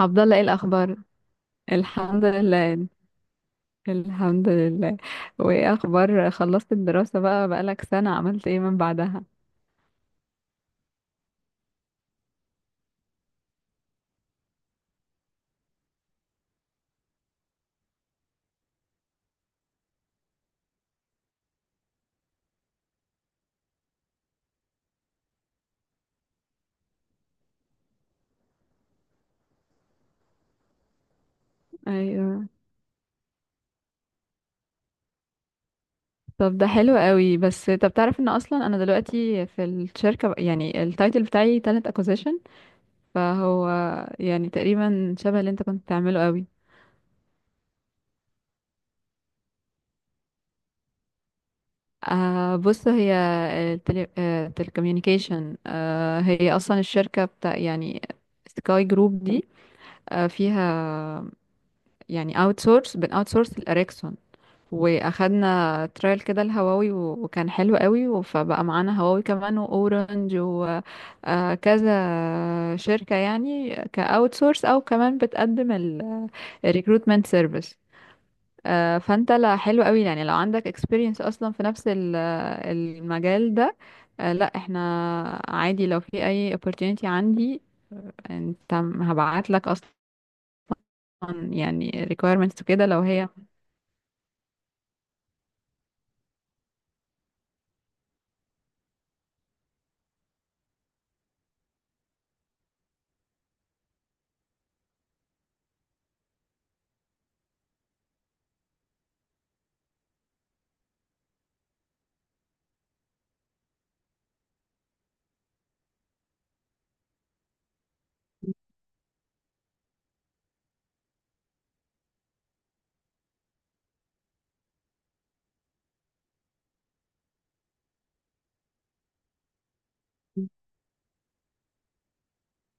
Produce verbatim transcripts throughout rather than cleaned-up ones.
عبد الله، ايه الاخبار؟ الحمد لله الحمد لله. وايه اخبار؟ خلصت الدراسة بقى بقالك سنة، عملت ايه من بعدها؟ ايوه. طب ده حلو قوي. بس طب تعرف ان اصلا انا دلوقتي في الشركة بق- يعني التايتل بتاعي talent acquisition، فهو يعني تقريبا شبه اللي انت كنت بتعمله قوي. آه بص هي التلي... آه telecommunication. آه هي اصلا الشركة بتاع يعني سكاي جروب دي. آه فيها يعني اوت سورس بن اوت سورس الاريكسون، واخدنا ترايل كده الهواوي و- وكان حلو قوي و- فبقى معانا هواوي كمان واورنج وكذا شركة، يعني كاوت سورس او كمان بتقدم الريكروتمنت سيرفيس. فانت لا حلو قوي، يعني لو عندك experience اصلا في نفس ال- المجال ده. آه، لا احنا عادي، لو في اي opportunity عندي انت هبعت لك، اصلا يعني requirements كده لو هي.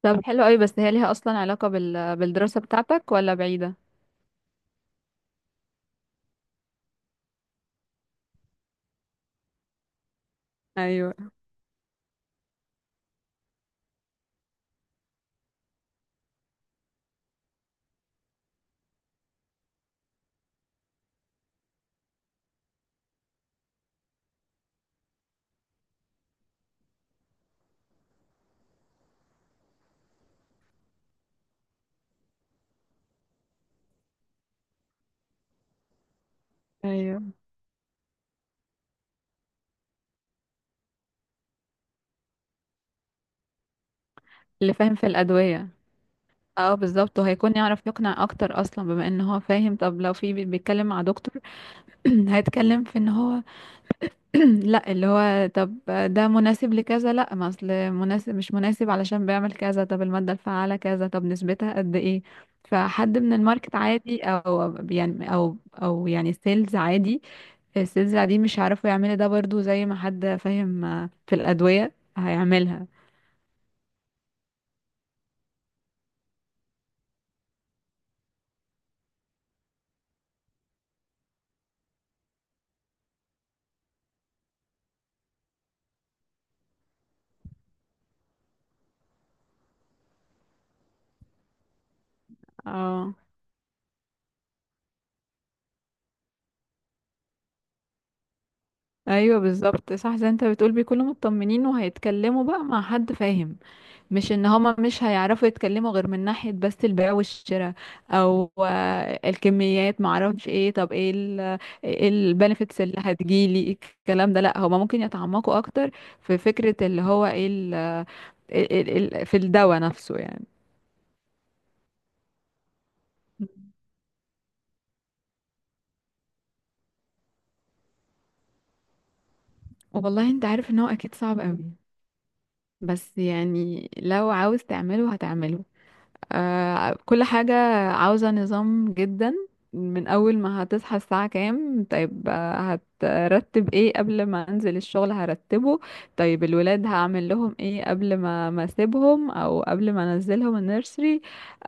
طب حلو قوي، بس هي ليها اصلا علاقة بال... بالدراسة بتاعتك ولا بعيدة؟ ايوه. ايوه، اللي فاهم في الأدوية. اه، بالظبط، وهيكون يعرف يقنع اكتر اصلا بما ان هو فاهم. طب لو في بي- بيتكلم مع دكتور، هيتكلم في ان هو، لا اللي هو طب ده مناسب لكذا، لا ما اصل مناسب مش مناسب علشان بيعمل كذا، طب المادة الفعالة كذا، طب نسبتها قد ايه؟ فحد من الماركت عادي، او يعني او او يعني سيلز عادي، السلسلة دي مش عارفوا يعملوا ده، برضو زي ما حد فاهم آه، في الأدوية هيعملها. اه، ايوه بالظبط صح. زي انت بتقول بيكونوا مطمنين وهيتكلموا بقى مع حد فاهم، مش ان هما مش هيعرفوا يتكلموا غير من ناحية بس البيع والشراء، او آه، الكميات، معرفش ايه. طب ايه البنفيتس اللي هتجيلي؟ الكلام ده لا، هما ممكن يتعمقوا اكتر في فكرة اللي هو ايه ال- ال- ال- إيه ال- في الدواء نفسه يعني. والله انت عارف ان هو اكيد صعب قوي، بس يعني لو عاوز تعمله هتعمله. آه، كل حاجة عاوزة نظام جدا. من أول ما هتصحى الساعة كام، طيب آه، هترتب ايه قبل ما أنزل الشغل هرتبه، طيب الولاد هعمل لهم ايه قبل ما ما أسيبهم أو قبل ما أنزلهم النيرسري.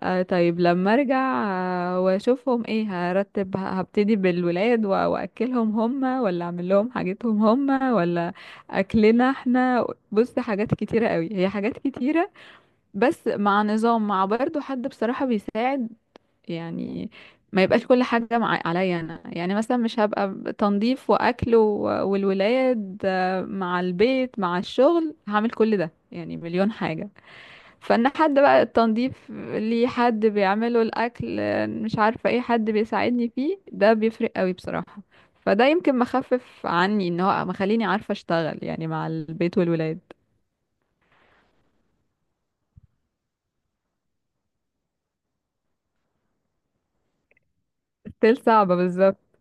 آه، طيب لما أرجع آه، وأشوفهم ايه هرتب ه- هبتدي بالولاد و- وأكلهم هما ولا أعمل لهم حاجتهم هما، ولا أكلنا احنا. بص حاجات كتيرة قوي، هي حاجات كتيرة. بس مع نظام، مع برضو حد بصراحة بيساعد يعني، ما يبقاش كل حاجة مع عليا أنا، يعني مثلا مش هبقى ب- تنظيف وأكل و- والولاد، آه، مع البيت مع الشغل، هعمل كل ده يعني مليون حاجة. فإن حد بقى التنظيف ليه حد بيعمله، الأكل آه، مش عارفة ايه، حد بيساعدني فيه، ده بيفرق قوي بصراحة. فده يمكن مخفف عني، ان هو مخليني عارفة اشتغل يعني مع البيت والولاد. ستيل صعبة، بالظبط.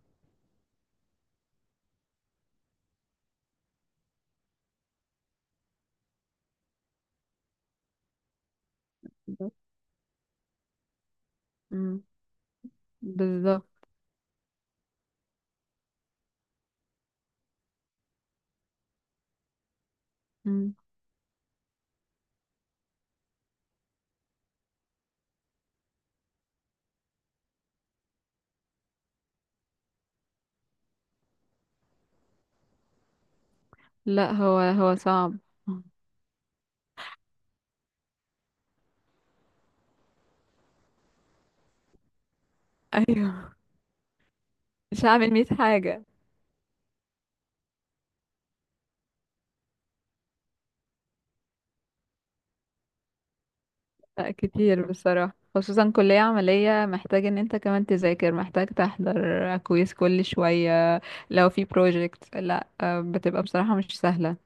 مم. بالظبط. مم. لا هو هو صعب. ايوه. مش هعمل مية حاجة. لا كتير بصراحة، خصوصا كلية عملية، محتاج ان انت كمان تذاكر، محتاج تحضر كويس كل شوية. لو في بروجكت لا آه، بتبقى بصراحة مش سهلة.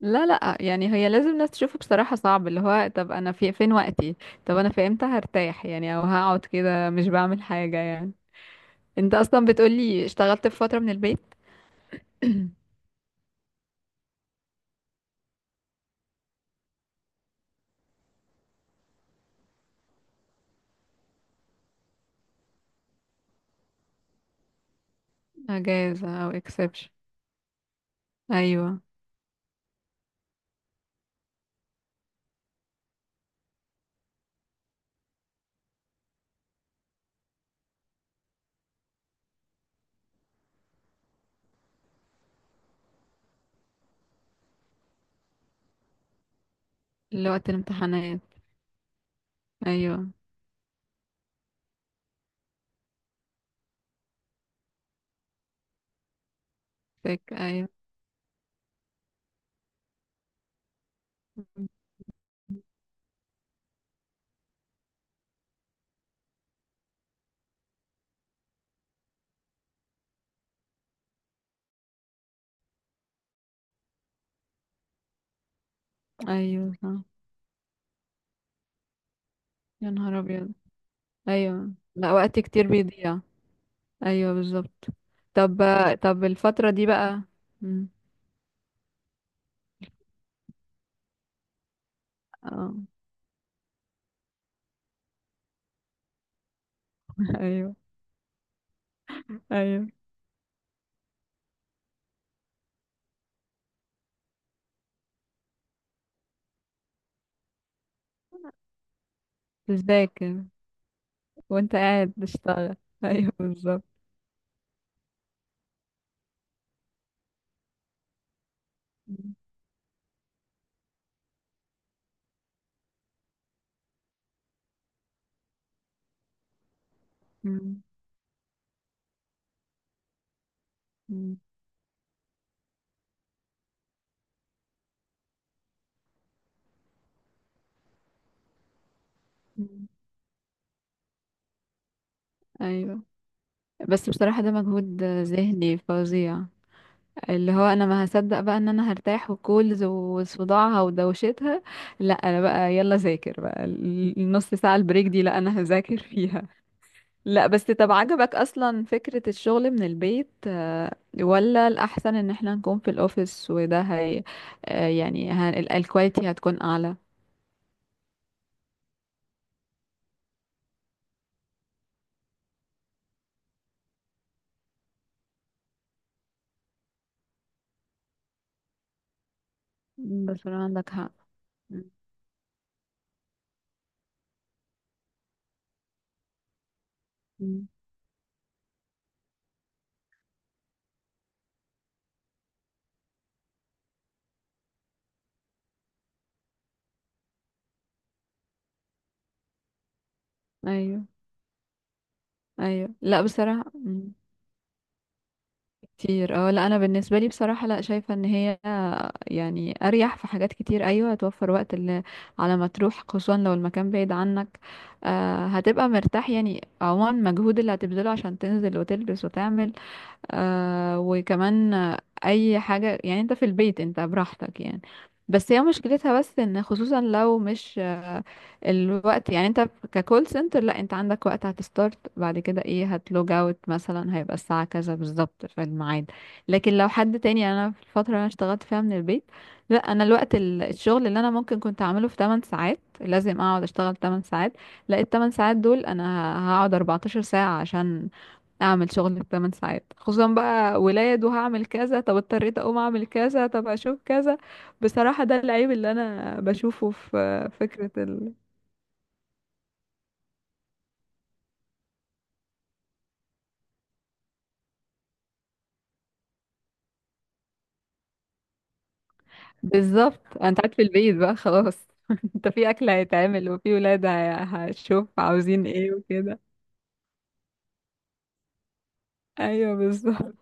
لا لا، يعني هي لازم ناس تشوفه، بصراحة صعب. اللي هو طب انا في فين وقتي؟ طب انا في امتى هرتاح؟ يعني او هقعد كده مش بعمل حاجة يعني. انت اصلا بتقولي اشتغلت في فترة من البيت. اجازة او اكسبشن. ايوه، اللي وقت الامتحانات. ايوه. فاك ايوه. م. ايوه صح. يا نهار ابيض. ايوه لا، وقت كتير بيضيع. ايوه بالظبط. طب طب الفترة دي بقى. م. اه. ايوه. ايوه بتذاكر وانت قاعد بتشتغل. ايوه بالظبط. م. م. م. م. ايوه. بس بصراحة ده مجهود ذهني فظيع. اللي هو انا ما هصدق بقى ان انا هرتاح وكولز وصداعها ودوشتها. لا انا بقى يلا ذاكر بقى ال- النص ساعة البريك دي، لا انا هذاكر فيها. لا بس طب عجبك اصلا فكرة الشغل من البيت آه، ولا الاحسن ان احنا نكون في الاوفيس وده هي، آه، يعني ه- ال- الكواليتي هتكون اعلى؟ بس عندك حق. م- م. ايوه ايوه. لا بصراحة كتير. اه لا، انا بالنسبه لي بصراحه لا، شايفه ان هي يعني اريح في حاجات كتير. ايوه، هتوفر وقت اللي على ما تروح خصوصا لو المكان بعيد عنك، آه هتبقى مرتاح، يعني عموما المجهود اللي هتبذله عشان تنزل وتلبس وتعمل، آه وكمان آه، اي حاجة، يعني انت في البيت انت براحتك يعني. بس هي مشكلتها بس ان خصوصا لو مش آه الوقت، يعني انت ككول سنتر لا انت عندك وقت هتستارت، بعد كده ايه هتلوج اوت مثلا، هيبقى الساعة كذا بالظبط في الميعاد. لكن لو حد تاني، يعني انا في الفترة اللي انا اشتغلت فيها من البيت، لا انا الوقت ال- الشغل اللي انا ممكن كنت اعمله في ثماني ساعات لازم اقعد اشتغل تمن ساعات، لا ال تمن ساعات دول انا هقعد اربعتاشر ساعة عشان اعمل شغل الثمان ساعات، خصوصا بقى ولاد وهعمل كذا طب اضطريت اقوم اعمل كذا طب اشوف كذا. بصراحة ده العيب اللي انا بشوفه في فكرة ال... بالظبط. انت قاعد في البيت بقى خلاص، انت في اكل هيتعمل وفي ولاد هي- هشوف عاوزين ايه وكده. ايوه بالظبط.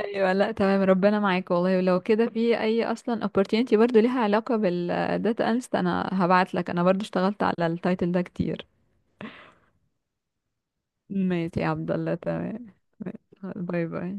ايوه لا تمام، ربنا معاك والله. ولو كده في اي اصلا opportunity برضو ليها علاقة بالداتا analyst انا هبعت لك، انا برضو اشتغلت على التايتل ده كتير. ماشي يا عبد الله تمام. باي باي.